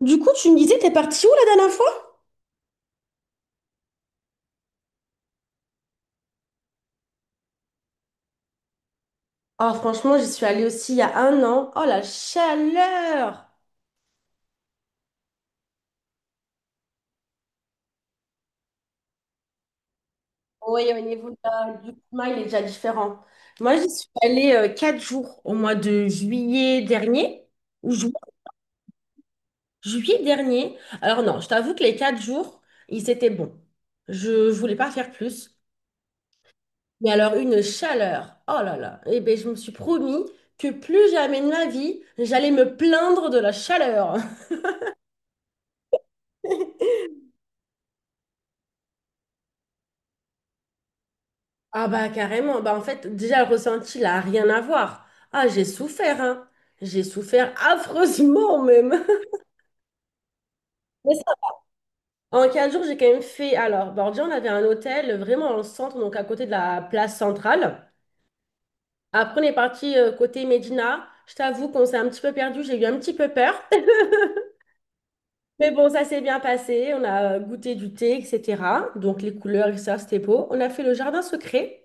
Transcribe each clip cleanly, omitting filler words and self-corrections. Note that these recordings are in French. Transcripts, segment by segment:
Du coup, tu me disais, t'es partie où la dernière fois? Ah, franchement, j'y suis allée aussi il y a 1 an. Oh, la chaleur! Oui, au niveau de la- du climat, il est déjà différent. Moi, j'y suis allée 4 jours au mois de juillet dernier, ou ju- juillet dernier. Alors non, je t'avoue que les 4 jours, ils étaient bons. Je voulais pas faire plus. Mais alors, une chaleur! Oh là là! Eh bien, je me suis promis que plus jamais de ma vie, j'allais me plaindre de la chaleur. Ah bah carrément, bah en fait déjà le ressenti là a rien à voir. Ah j'ai souffert, hein. J'ai souffert affreusement même. Mais ça, en 15 jours j'ai quand même fait, alors Bordeaux on avait un hôtel vraiment dans le centre, donc à côté de la place centrale. Après on est parti côté Médina, je t'avoue qu'on s'est un petit peu perdu, j'ai eu un petit peu peur. Mais bon ça s'est bien passé, on a goûté du thé, etc. Donc les couleurs, et ça c'était beau. On a fait le jardin secret.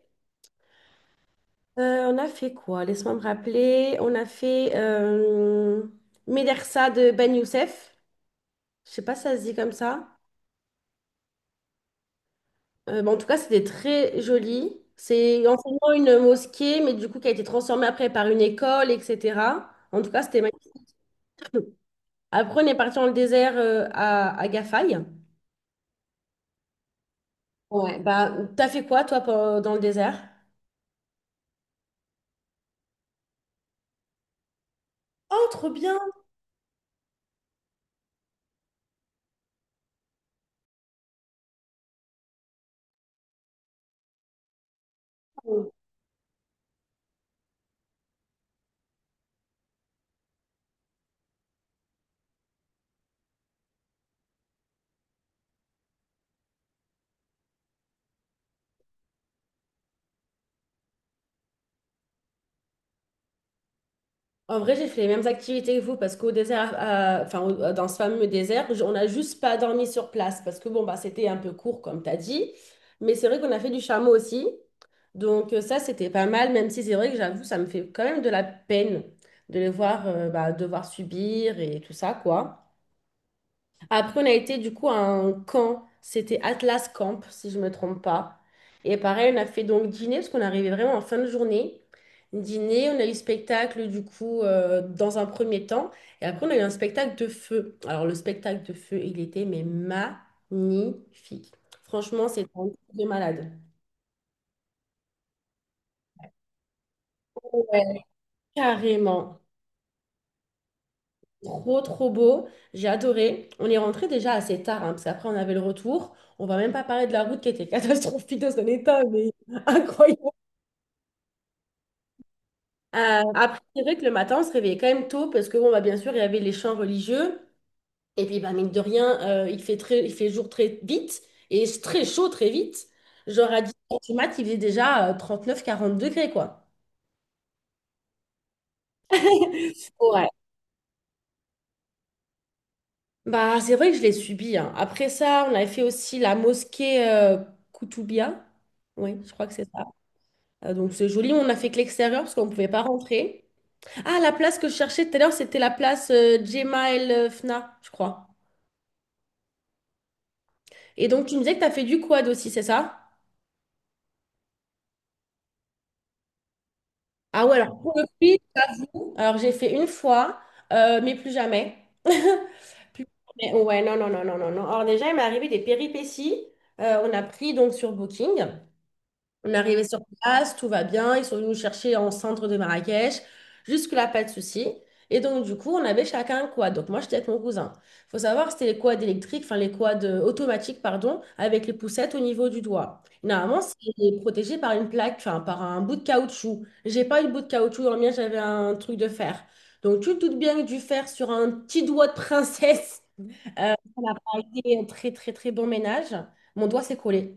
On a fait quoi? Laisse-moi me rappeler. On a fait Médersa de Ben Youssef. Je sais pas si ça se dit comme ça. En tout cas, c'était très joli. C'est anciennement une mosquée, mais du coup, qui a été transformée après par une école, etc. En tout cas, c'était magnifique. Après, on est parti dans le désert à Gafaï. Ouais, bah, t'as fait quoi, toi, dans le désert? Oh, trop bien! En vrai, j'ai fait les mêmes activités que vous parce qu'au désert, dans ce fameux désert, on n'a juste pas dormi sur place parce que bon, bah, c'était un peu court, comme tu as dit. Mais c'est vrai qu'on a fait du chameau aussi. Donc, ça, c'était pas mal, même si c'est vrai que j'avoue, ça me fait quand même de la peine de les voir bah, devoir subir et tout ça, quoi. Après, on a été du coup à un camp. C'était Atlas Camp, si je me trompe pas. Et pareil, on a fait donc dîner, parce qu'on arrivait vraiment en fin de journée. Dîner, on a eu spectacle du coup dans un premier temps. Et après, on a eu un spectacle de feu. Alors, le spectacle de feu, il était mais magnifique. Franchement, c'était un truc de malade. Ouais. Carrément. Trop, trop beau. J'ai adoré. On est rentré déjà assez tard, hein, parce qu'après, on avait le retour. On va même pas parler de la route qui était catastrophique dans son état, mais incroyable. Après, c'est vrai que le matin, on se réveillait quand même tôt, parce que, bon, bah, bien sûr, il y avait les chants religieux. Et puis, bah, mine de rien, il fait jour très vite et c'est très chaud très vite. Genre, à 10 h du mat, il faisait déjà 39 40 degrés, quoi. Ouais. Bah, c'est vrai que je l'ai subi, hein. Après ça, on avait fait aussi la mosquée Koutoubia. Oui, je crois que c'est ça. Donc, c'est joli. On n'a fait que l'extérieur parce qu'on ne pouvait pas rentrer. Ah, la place que je cherchais tout à l'heure, c'était la place Jemaa El Fna, je crois. Et donc, tu me disais que tu as fait du quad aussi, c'est ça? Ah ouais, alors pour le coup, alors j'ai fait une fois, mais plus jamais. Plus jamais. Ouais, non, non, non, non, non, non. Alors déjà, il m'est arrivé des péripéties. On a pris donc sur Booking. On est arrivé sur place, tout va bien. Ils sont venus nous chercher en centre de Marrakech. Jusque-là, pas de souci. Et donc, du coup, on avait chacun un quad. Donc, moi, j'étais avec mon cousin. Faut savoir que c'était les quads électriques, enfin, les quads automatiques, pardon, avec les poussettes au niveau du doigt. Normalement, c'est protégé par une plaque, enfin, par un bout de caoutchouc. J'ai pas eu le bout de caoutchouc, dans le mien, j'avais un truc de fer. Donc, tu te doutes bien que du fer sur un petit doigt de princesse, on a pris un très, très, très bon ménage. Mon doigt s'est collé.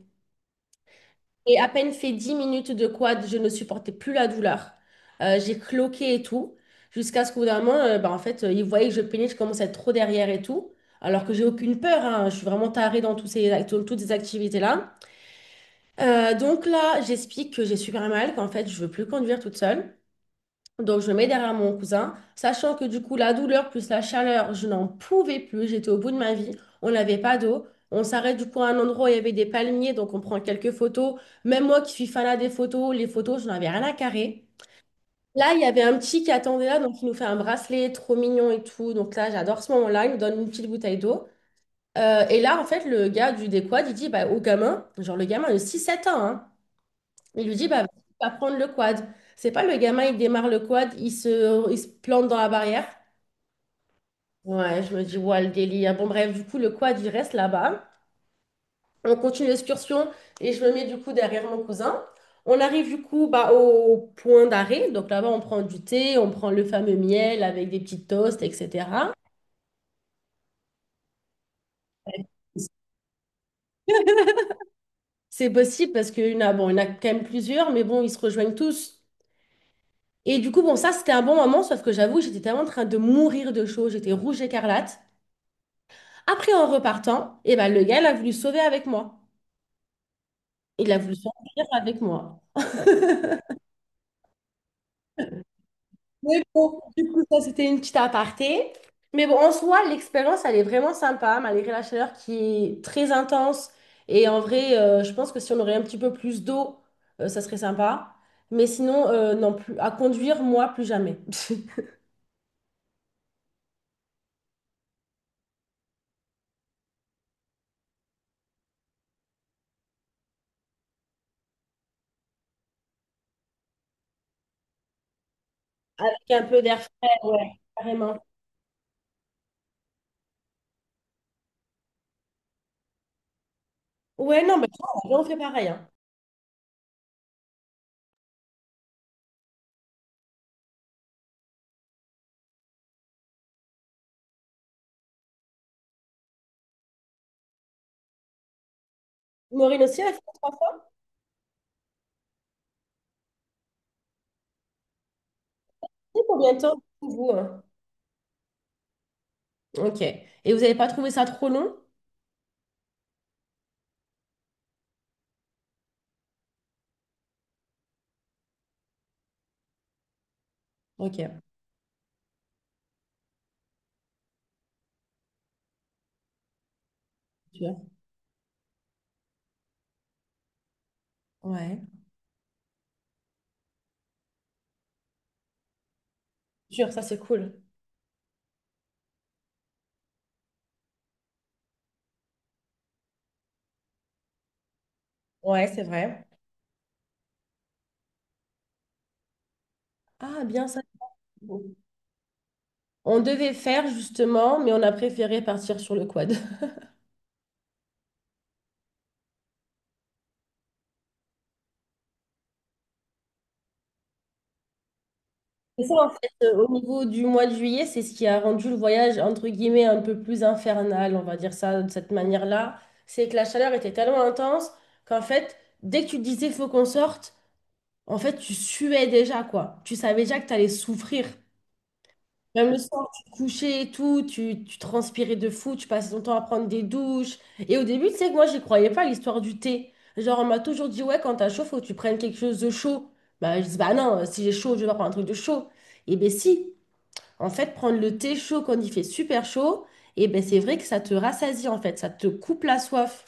Et à peine fait 10 minutes de quad, je ne supportais plus la douleur. J'ai cloqué et tout, jusqu'à ce qu'au bout d'un moment, en fait, ils voyaient que je peinais, je commençais à être trop derrière et tout, alors que j'ai aucune peur, hein. Je suis vraiment tarée dans toutes ces activités-là. Donc là, j'explique que j'ai super mal, qu'en fait, je veux plus conduire toute seule. Donc, je me mets derrière mon cousin, sachant que du coup, la douleur plus la chaleur, je n'en pouvais plus. J'étais au bout de ma vie. On n'avait pas d'eau. On s'arrête du coup à un endroit où il y avait des palmiers, donc on prend quelques photos. Même moi qui suis fanat des photos, les photos, je n'en avais rien à carrer. Là, il y avait un petit qui attendait là, donc il nous fait un bracelet trop mignon et tout. Donc là, j'adore ce moment-là. Il nous donne une petite bouteille d'eau. Et là, en fait, le gars du décoad, il dit bah, au gamin, genre le gamin de 6 7 ans, hein, il lui dit, bah, vas prendre le quad. C'est pas le gamin, il démarre le quad, il se plante dans la barrière. Ouais, je me dis, ouais, le délire. Bon, bref, du coup, le quad, il reste là-bas. On continue l'excursion et je me mets du coup derrière mon cousin. On arrive du coup bah, au point d'arrêt. Donc là-bas, on prend du thé, on prend le fameux miel avec des petites toasts, etc. C'est possible parce qu'il y en a, bon, il y en a quand même plusieurs, mais bon, ils se rejoignent tous. Et du coup, bon, ça, c'était un bon moment, sauf que j'avoue, j'étais tellement en train de mourir de chaud, j'étais rouge écarlate. Après, en repartant, eh ben, le gars, il a voulu se sauver avec moi. Il a voulu sortir avec moi. Mais bon, du coup, ça, c'était une petite aparté. Mais bon, en soi, l'expérience, elle est vraiment sympa, malgré la chaleur qui est très intense. Et en vrai, je pense que si on aurait un petit peu plus d'eau, ça serait sympa. Mais sinon, non, plus, à conduire, moi, plus jamais. Avec un peu d'air frais, ouais, carrément. Ouais, non, mais toi, on fait pareil, hein. Maureen aussi, elle a fait 3 fois. Tu sais combien de temps, vous, hein? Ok. Et vous n'avez pas trouvé ça trop long? Ok. Sûr. Ouais. Sûr, ça c'est cool. Ouais, c'est vrai. Ah, bien ça. C'est beau. On devait faire justement, mais on a préféré partir sur le quad. Et ça, en fait, au niveau du mois de juillet, c'est ce qui a rendu le voyage, entre guillemets, un peu plus infernal, on va dire ça de cette manière-là. C'est que la chaleur était tellement intense qu'en fait, dès que tu te disais faut qu'on sorte, en fait, tu suais déjà, quoi. Tu savais déjà que tu allais souffrir. Même le soir, tu te couchais et tout, tu transpirais de fou, tu passais ton temps à prendre des douches. Et au début, tu sais que moi, j'y croyais pas à l'histoire du thé. Genre, on m'a toujours dit, ouais, quand t'as chaud, faut que tu prennes quelque chose de chaud. Bah, je dis, bah non, si j'ai chaud, je vais pas prendre un truc de chaud. Et ben si, en fait, prendre le thé chaud quand il fait super chaud, et ben c'est vrai que ça te rassasie, en fait, ça te coupe la soif.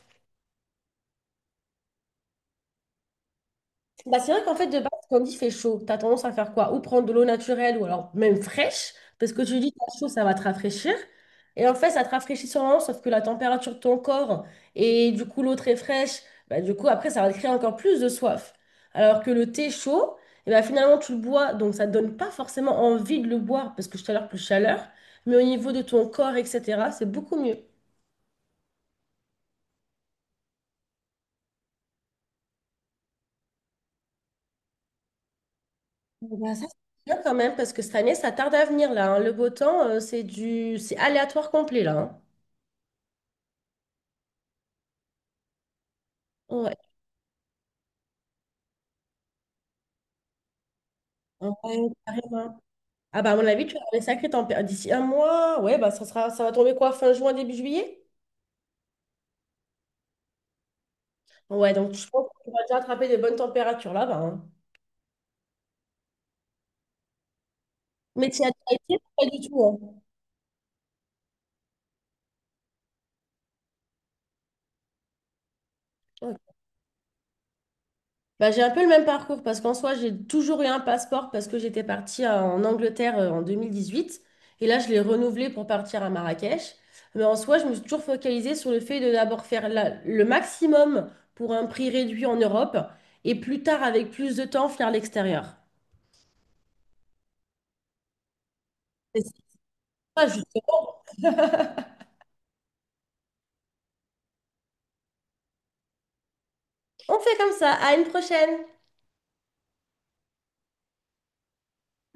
Bah, c'est vrai qu'en fait, de base, quand il fait chaud, tu as tendance à faire quoi? Ou prendre de l'eau naturelle ou alors même fraîche, parce que tu dis t'as chaud, ça va te rafraîchir. Et en fait, ça te rafraîchit sûrement, sauf que la température de ton corps et du coup l'eau très fraîche, bah, du coup après, ça va te créer encore plus de soif. Alors que le thé chaud, et ben finalement, tu le bois, donc ça ne donne pas forcément envie de le boire, parce que tout à l'heure, plus chaleur, mais au niveau de ton corps, etc., c'est beaucoup mieux. Bah, ça, c'est bien quand même, parce que cette année, ça tarde à venir là, hein. Le beau temps, c'est du... c'est aléatoire complet là, hein. Ouais, en vrai, carrément. Ah bah à mon avis, tu vas avoir des sacrées tempêtes. D'ici 1 mois, ouais, bah ça sera, ça va tomber quoi, fin juin, début juillet? Ouais, donc je pense que tu vas déjà attraper de bonnes températures là-bas, hein. Mais tu as déjà été? Pas du tout, hein. Bah, j'ai un peu le même parcours parce qu'en soi, j'ai toujours eu un passeport parce que j'étais partie en Angleterre en 2018 et là, je l'ai renouvelé pour partir à Marrakech. Mais en soi, je me suis toujours focalisée sur le fait de d'abord faire le maximum pour un prix réduit en Europe et plus tard, avec plus de temps, faire l'extérieur. Et c'est ça. Ah, justement, on fait comme ça. À une prochaine!